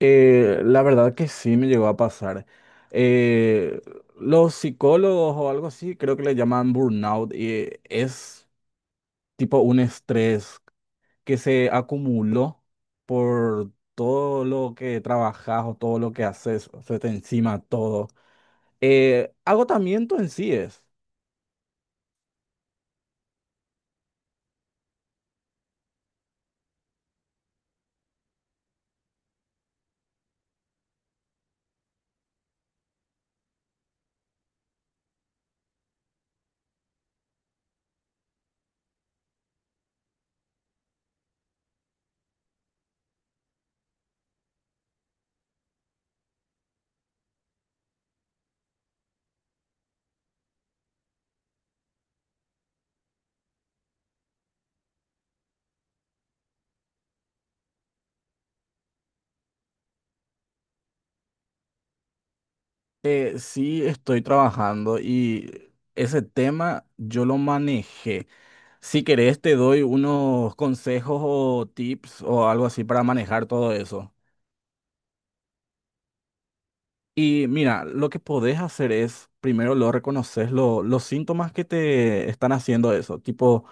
La verdad que sí me llegó a pasar. Eh, los psicólogos o algo así, creo que le llaman burnout y es tipo un estrés que se acumuló por todo lo que trabajas o todo lo que haces, o se te encima todo. Agotamiento en sí es. Sí estoy trabajando y ese tema yo lo manejé. Si querés, te doy unos consejos o tips o algo así para manejar todo eso. Y mira, lo que podés hacer es, primero lo reconoces, los síntomas que te están haciendo eso. Tipo,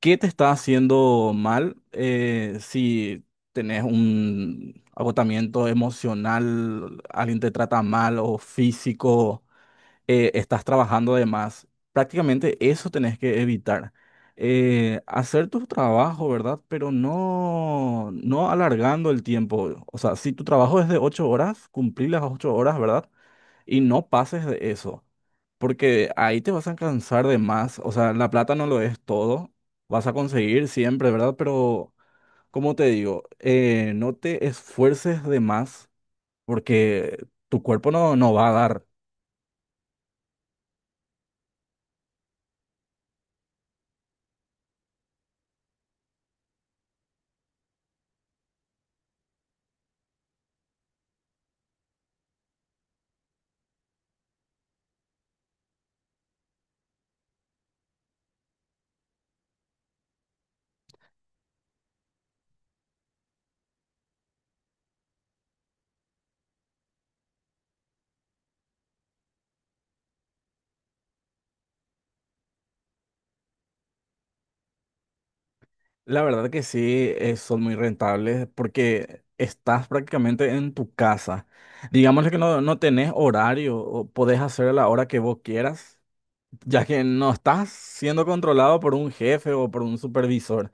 ¿qué te está haciendo mal? Si tenés un agotamiento emocional, alguien te trata mal o físico. Estás trabajando de más. Prácticamente eso tenés que evitar. Hacer tu trabajo, ¿verdad? Pero no alargando el tiempo. O sea, si tu trabajo es de ocho horas, cumplir las ocho horas, ¿verdad? Y no pases de eso, porque ahí te vas a cansar de más. O sea, la plata no lo es todo. Vas a conseguir siempre, ¿verdad? Pero, como te digo, no te esfuerces de más, porque tu cuerpo no va a dar. La verdad que sí, son muy rentables porque estás prácticamente en tu casa. Digamos que no tenés horario o podés hacer a la hora que vos quieras, ya que no estás siendo controlado por un jefe o por un supervisor.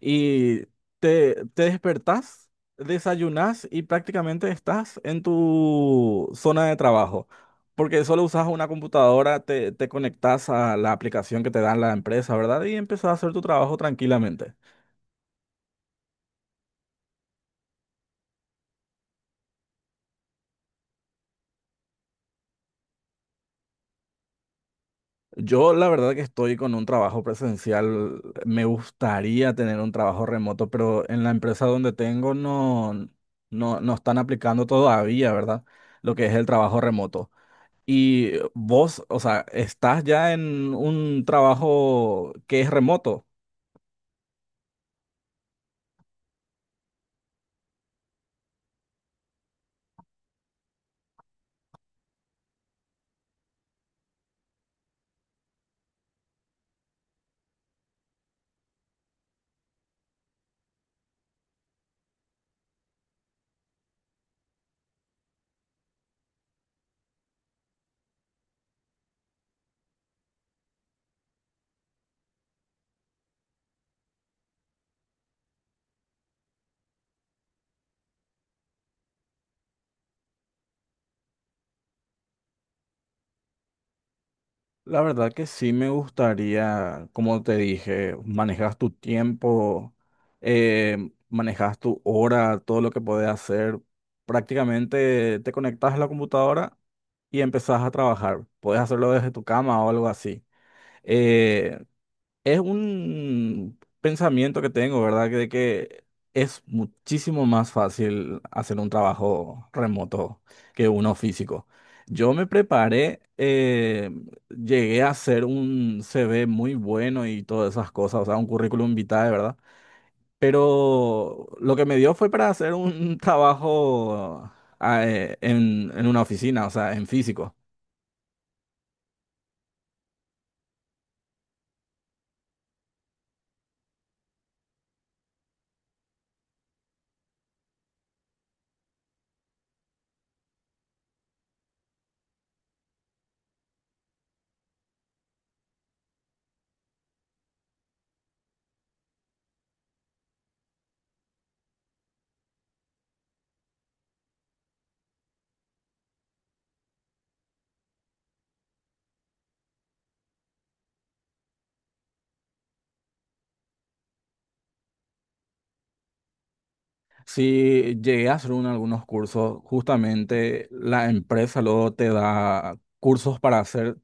Y te despertás, desayunás y prácticamente estás en tu zona de trabajo. Porque solo usas una computadora, te conectás a la aplicación que te da la empresa, ¿verdad? Y empezás a hacer tu trabajo tranquilamente. Yo la verdad que estoy con un trabajo presencial. Me gustaría tener un trabajo remoto, pero en la empresa donde tengo no están aplicando todavía, ¿verdad? Lo que es el trabajo remoto. Y vos, o sea, estás ya en un trabajo que es remoto. La verdad que sí me gustaría, como te dije, manejas tu tiempo, manejas tu hora, todo lo que podés hacer. Prácticamente te conectas a la computadora y empezás a trabajar. Puedes hacerlo desde tu cama o algo así. Eh, es un pensamiento que tengo, ¿verdad? Que de que es muchísimo más fácil hacer un trabajo remoto que uno físico. Yo me preparé, llegué a hacer un CV muy bueno y todas esas cosas, o sea, un currículum vitae, ¿verdad? Pero lo que me dio fue para hacer un trabajo en una oficina, o sea, en físico. Sí, llegué a hacer algunos cursos. Justamente la empresa luego te da cursos para hacer,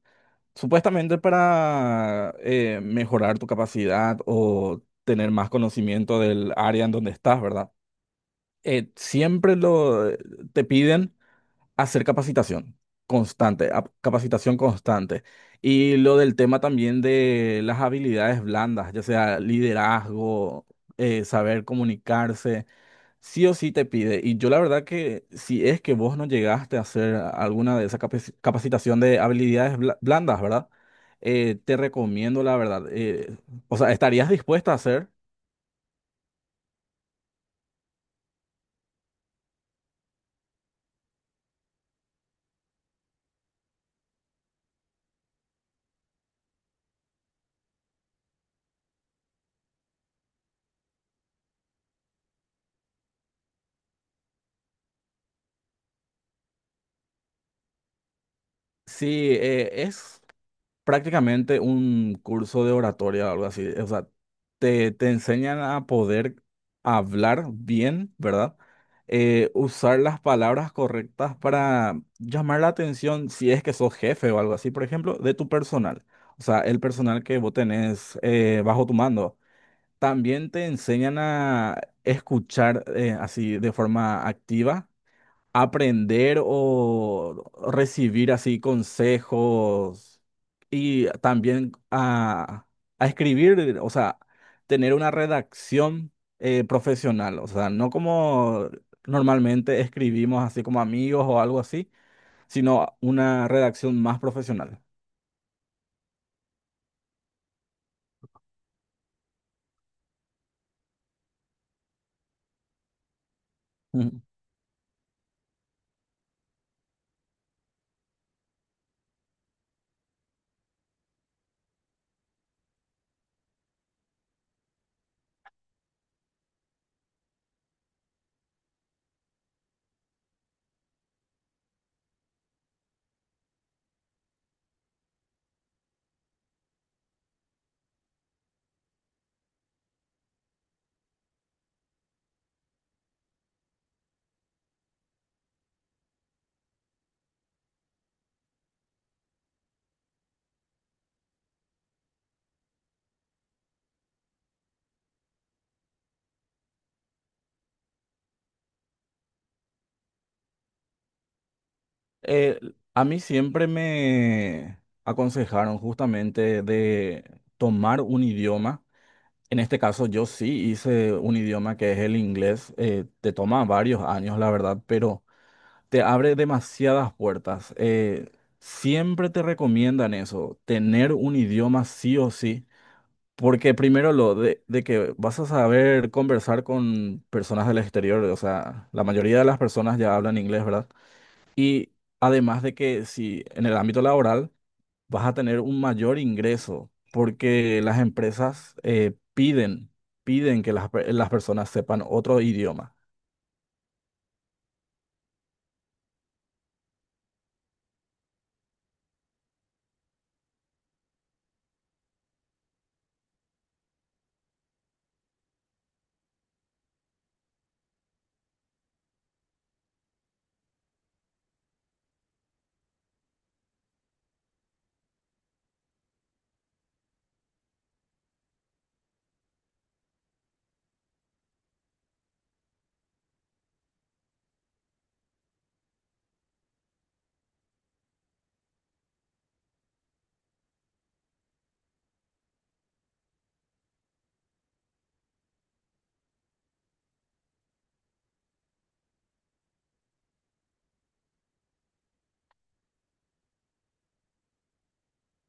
supuestamente para mejorar tu capacidad o tener más conocimiento del área en donde estás, ¿verdad? Siempre te piden hacer capacitación constante, capacitación constante. Y lo del tema también de las habilidades blandas, ya sea liderazgo, saber comunicarse sí o sí te pide. Y yo la verdad que si es que vos no llegaste a hacer alguna de esa capacitación de habilidades blandas, ¿verdad? Te recomiendo la verdad. O sea, ¿estarías dispuesta a hacer? Sí, eh, es... prácticamente un curso de oratoria o algo así. O sea, te enseñan a poder hablar bien, ¿verdad? Usar las palabras correctas para llamar la atención si es que sos jefe o algo así, por ejemplo, de tu personal. O sea, el personal que vos tenés bajo tu mando. También te enseñan a escuchar así de forma activa aprender o recibir así consejos y también a escribir, o sea, tener una redacción profesional, o sea, no como normalmente escribimos así como amigos o algo así, sino una redacción más profesional. Ujú. Eh, a mí siempre me aconsejaron justamente de tomar un idioma. En este caso yo sí hice un idioma que es el inglés. Te toma varios años, la verdad, pero te abre demasiadas puertas. Siempre te recomiendan eso, tener un idioma sí o sí, porque primero lo de que vas a saber conversar con personas del exterior, o sea, la mayoría de las personas ya hablan inglés, ¿verdad? Y además de que si en el ámbito laboral vas a tener un mayor ingreso porque las empresas piden que las personas sepan otro idioma.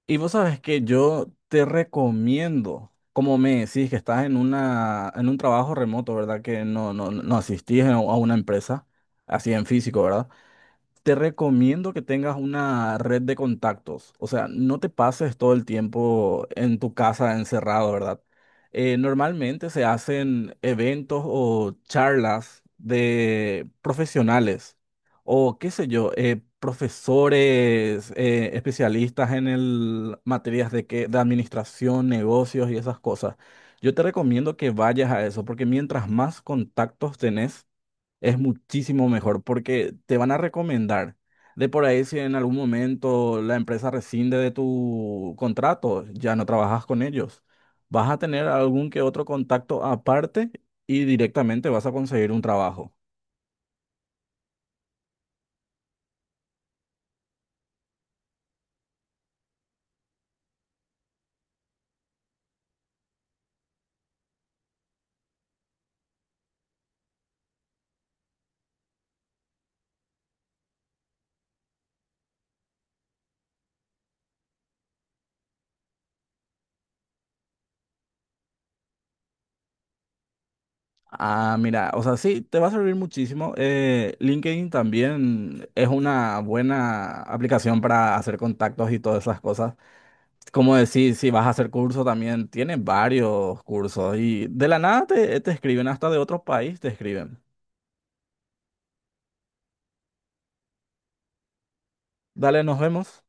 Y vos sabes que yo te recomiendo, como me decís que estás en en un trabajo remoto, ¿verdad? Que no asistís a una empresa, así en físico, ¿verdad? Te recomiendo que tengas una red de contactos, o sea, no te pases todo el tiempo en tu casa encerrado, ¿verdad? Normalmente se hacen eventos o charlas de profesionales o qué sé yo, profesores, especialistas materias de administración, negocios y esas cosas. Yo te recomiendo que vayas a eso, porque mientras más contactos tenés, es muchísimo mejor porque te van a recomendar. De por ahí, si en algún momento la empresa rescinde de tu contrato, ya no trabajas con ellos. Vas a tener algún que otro contacto aparte y directamente vas a conseguir un trabajo. Ah, mira, o sea, sí, te va a servir muchísimo. LinkedIn también es una buena aplicación para hacer contactos y todas esas cosas. Como decir, si vas a hacer curso también, tiene varios cursos y de la nada te escriben, hasta de otro país te escriben. Dale, nos vemos.